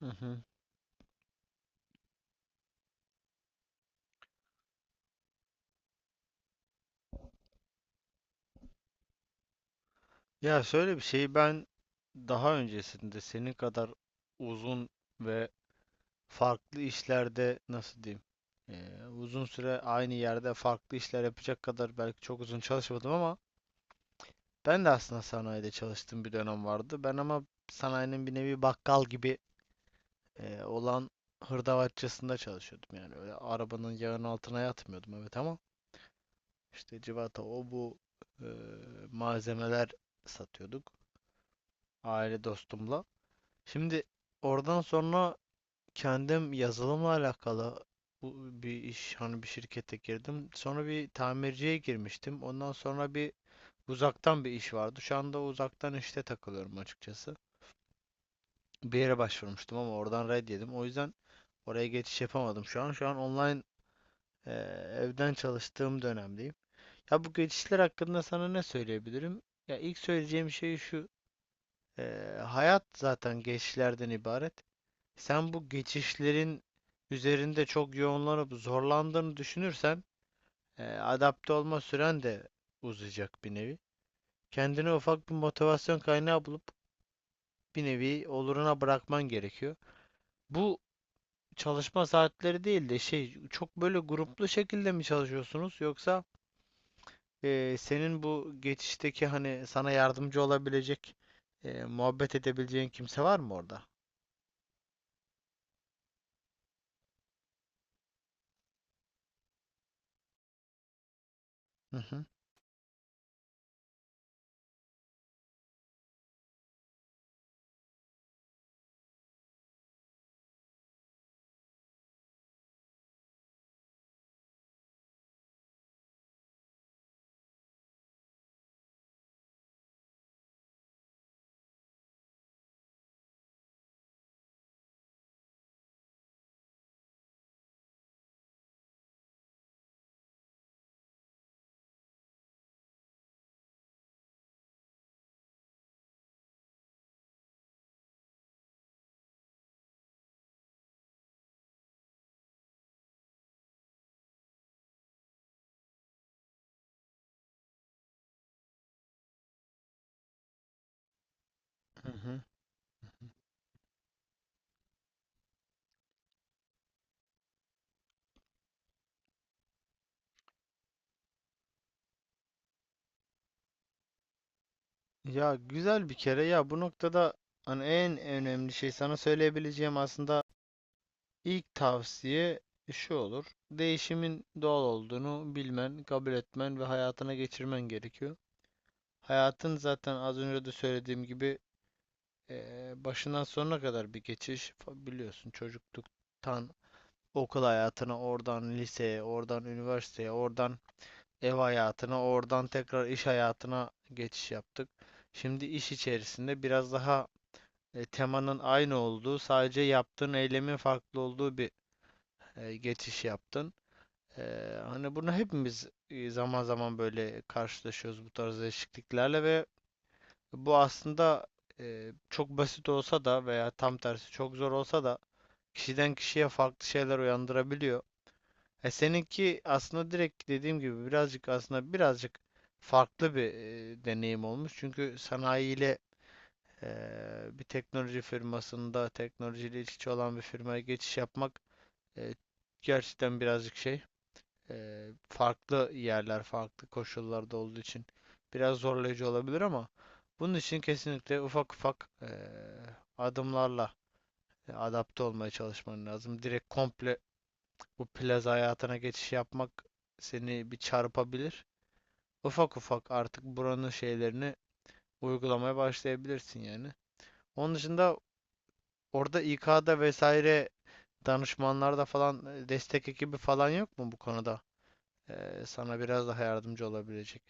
Hı hı. Ya şöyle bir şeyi ben daha öncesinde senin kadar uzun ve farklı işlerde nasıl diyeyim uzun süre aynı yerde farklı işler yapacak kadar belki çok uzun çalışmadım ama ben de aslında sanayide çalıştığım bir dönem vardı. Ben ama sanayinin bir nevi bakkal gibi olan hırdavatçısında çalışıyordum, yani öyle arabanın yağının altına yatmıyordum, evet, ama işte civata o bu eee, malzemeler satıyorduk aile dostumla. Şimdi oradan sonra kendim yazılımla alakalı bir iş, hani bir şirkete girdim. Sonra bir tamirciye girmiştim. Ondan sonra bir uzaktan bir iş vardı. Şu anda uzaktan işte takılıyorum açıkçası. Bir yere başvurmuştum ama oradan red yedim. O yüzden oraya geçiş yapamadım şu an. Şu an online eee, evden çalıştığım dönemdeyim. Ya bu geçişler hakkında sana ne söyleyebilirim? Ya ilk söyleyeceğim şey şu. Hayat zaten geçişlerden ibaret. Sen bu geçişlerin üzerinde çok yoğunlanıp zorlandığını düşünürsen adapte olma süren de uzayacak bir nevi. Kendine ufak bir motivasyon kaynağı bulup bir nevi oluruna bırakman gerekiyor. Bu çalışma saatleri değil de şey, çok böyle gruplu şekilde mi çalışıyorsunuz, yoksa senin bu geçişteki hani sana yardımcı olabilecek muhabbet edebileceğin kimse var mı orada? Hı hı. Hı hı. Ya güzel bir kere ya, bu noktada hani en önemli şey sana söyleyebileceğim, aslında ilk tavsiye şu olur. Değişimin doğal olduğunu bilmen, kabul etmen ve hayatına geçirmen gerekiyor. Hayatın zaten az önce de söylediğim gibi başından sonuna kadar bir geçiş. Biliyorsun, çocukluktan okul hayatına, oradan liseye, oradan üniversiteye, oradan ev hayatına, oradan tekrar iş hayatına geçiş yaptık. Şimdi iş içerisinde biraz daha temanın aynı olduğu, sadece yaptığın eylemin farklı olduğu bir geçiş yaptın. E, Hani bunu hepimiz zaman zaman böyle karşılaşıyoruz bu tarz değişikliklerle ve bu aslında çok basit olsa da veya tam tersi çok zor olsa da kişiden kişiye farklı şeyler uyandırabiliyor. Seninki aslında direkt dediğim gibi birazcık, aslında birazcık farklı bir deneyim olmuş. Çünkü sanayiyle bir teknoloji firmasında, teknolojiyle iç içe olan bir firmaya geçiş yapmak eee, gerçekten birazcık şey, farklı yerler, farklı koşullarda olduğu için biraz zorlayıcı olabilir ama bunun için kesinlikle ufak ufak adımlarla adapte olmaya çalışman lazım. Direkt komple bu plaza hayatına geçiş yapmak seni bir çarpabilir. Ufak ufak artık buranın şeylerini uygulamaya başlayabilirsin yani. Onun dışında orada İK'da vesaire, danışmanlarda falan destek ekibi falan yok mu bu konuda? Sana biraz daha yardımcı olabilecek.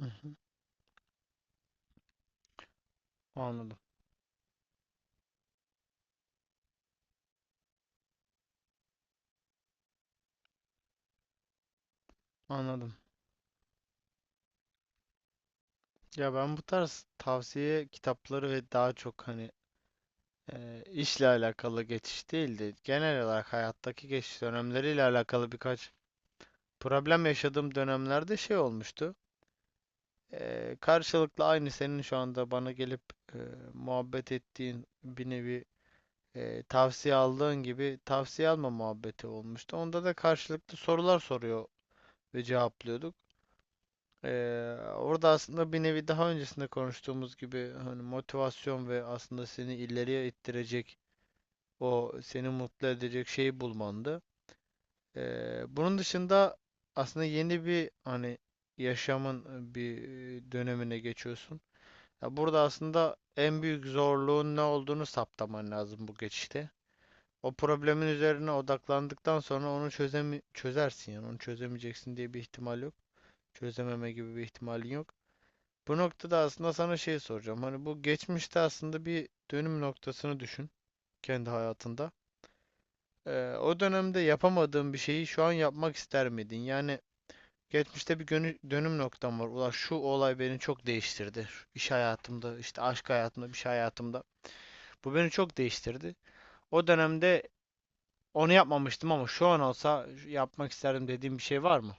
Hı hı. Anladım. Anladım. Ya ben bu tarz tavsiye kitapları ve daha çok hani işle alakalı geçiş değil de genel olarak hayattaki geçiş dönemleriyle alakalı birkaç problem yaşadığım dönemlerde şey olmuştu. Karşılıklı aynı senin şu anda bana gelip e, muhabbet ettiğin bir nevi tavsiye aldığın gibi tavsiye alma muhabbeti olmuştu. Onda da karşılıklı sorular soruyor ve cevaplıyorduk. Orada aslında bir nevi daha öncesinde konuştuğumuz gibi hani motivasyon ve aslında seni ileriye ittirecek, o seni mutlu edecek şeyi bulmandı. Bunun dışında aslında yeni bir, hani yaşamın bir dönemine geçiyorsun. Ya burada aslında en büyük zorluğun ne olduğunu saptaman lazım bu geçişte. O problemin üzerine odaklandıktan sonra onu çözersin, yani onu çözemeyeceksin diye bir ihtimal yok. Çözememe gibi bir ihtimalin yok. Bu noktada aslında sana şey soracağım. Hani bu geçmişte aslında bir dönüm noktasını düşün kendi hayatında. O dönemde yapamadığın bir şeyi şu an yapmak ister miydin? Yani geçmişte bir dönüm noktam var. Ulan şu olay beni çok değiştirdi. İş hayatımda, işte aşk hayatımda, bir şey hayatımda. Bu beni çok değiştirdi. O dönemde onu yapmamıştım ama şu an olsa yapmak isterdim dediğim bir şey var mı?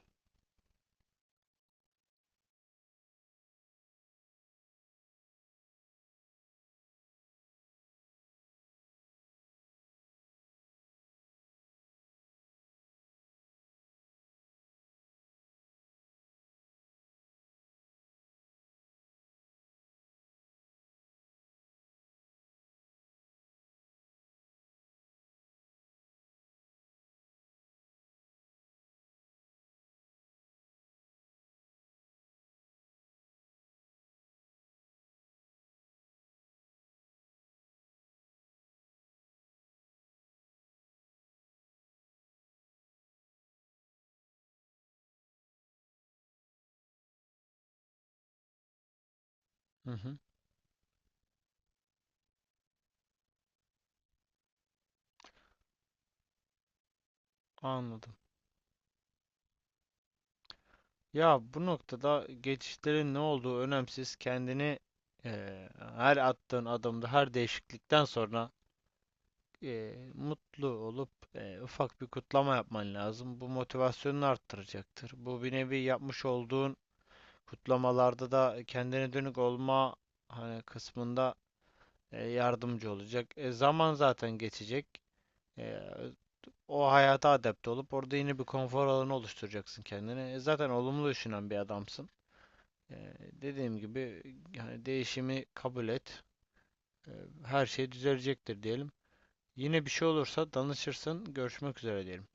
Hı hı, anladım. Ya bu noktada geçişlerin ne olduğu önemsiz. Kendini eee, her attığın adımda, her değişiklikten sonra mutlu olup ufak bir kutlama yapman lazım. Bu motivasyonunu arttıracaktır. Bu bir nevi yapmış olduğun kutlamalarda da kendine dönük olma hani kısmında yardımcı olacak. E, zaman zaten geçecek. E, o hayata adapte olup orada yine bir konfor alanı oluşturacaksın kendine. E, zaten olumlu düşünen bir adamsın. E, dediğim gibi yani değişimi kabul et. E, her şey düzelecektir diyelim. Yine bir şey olursa danışırsın. Görüşmek üzere diyelim.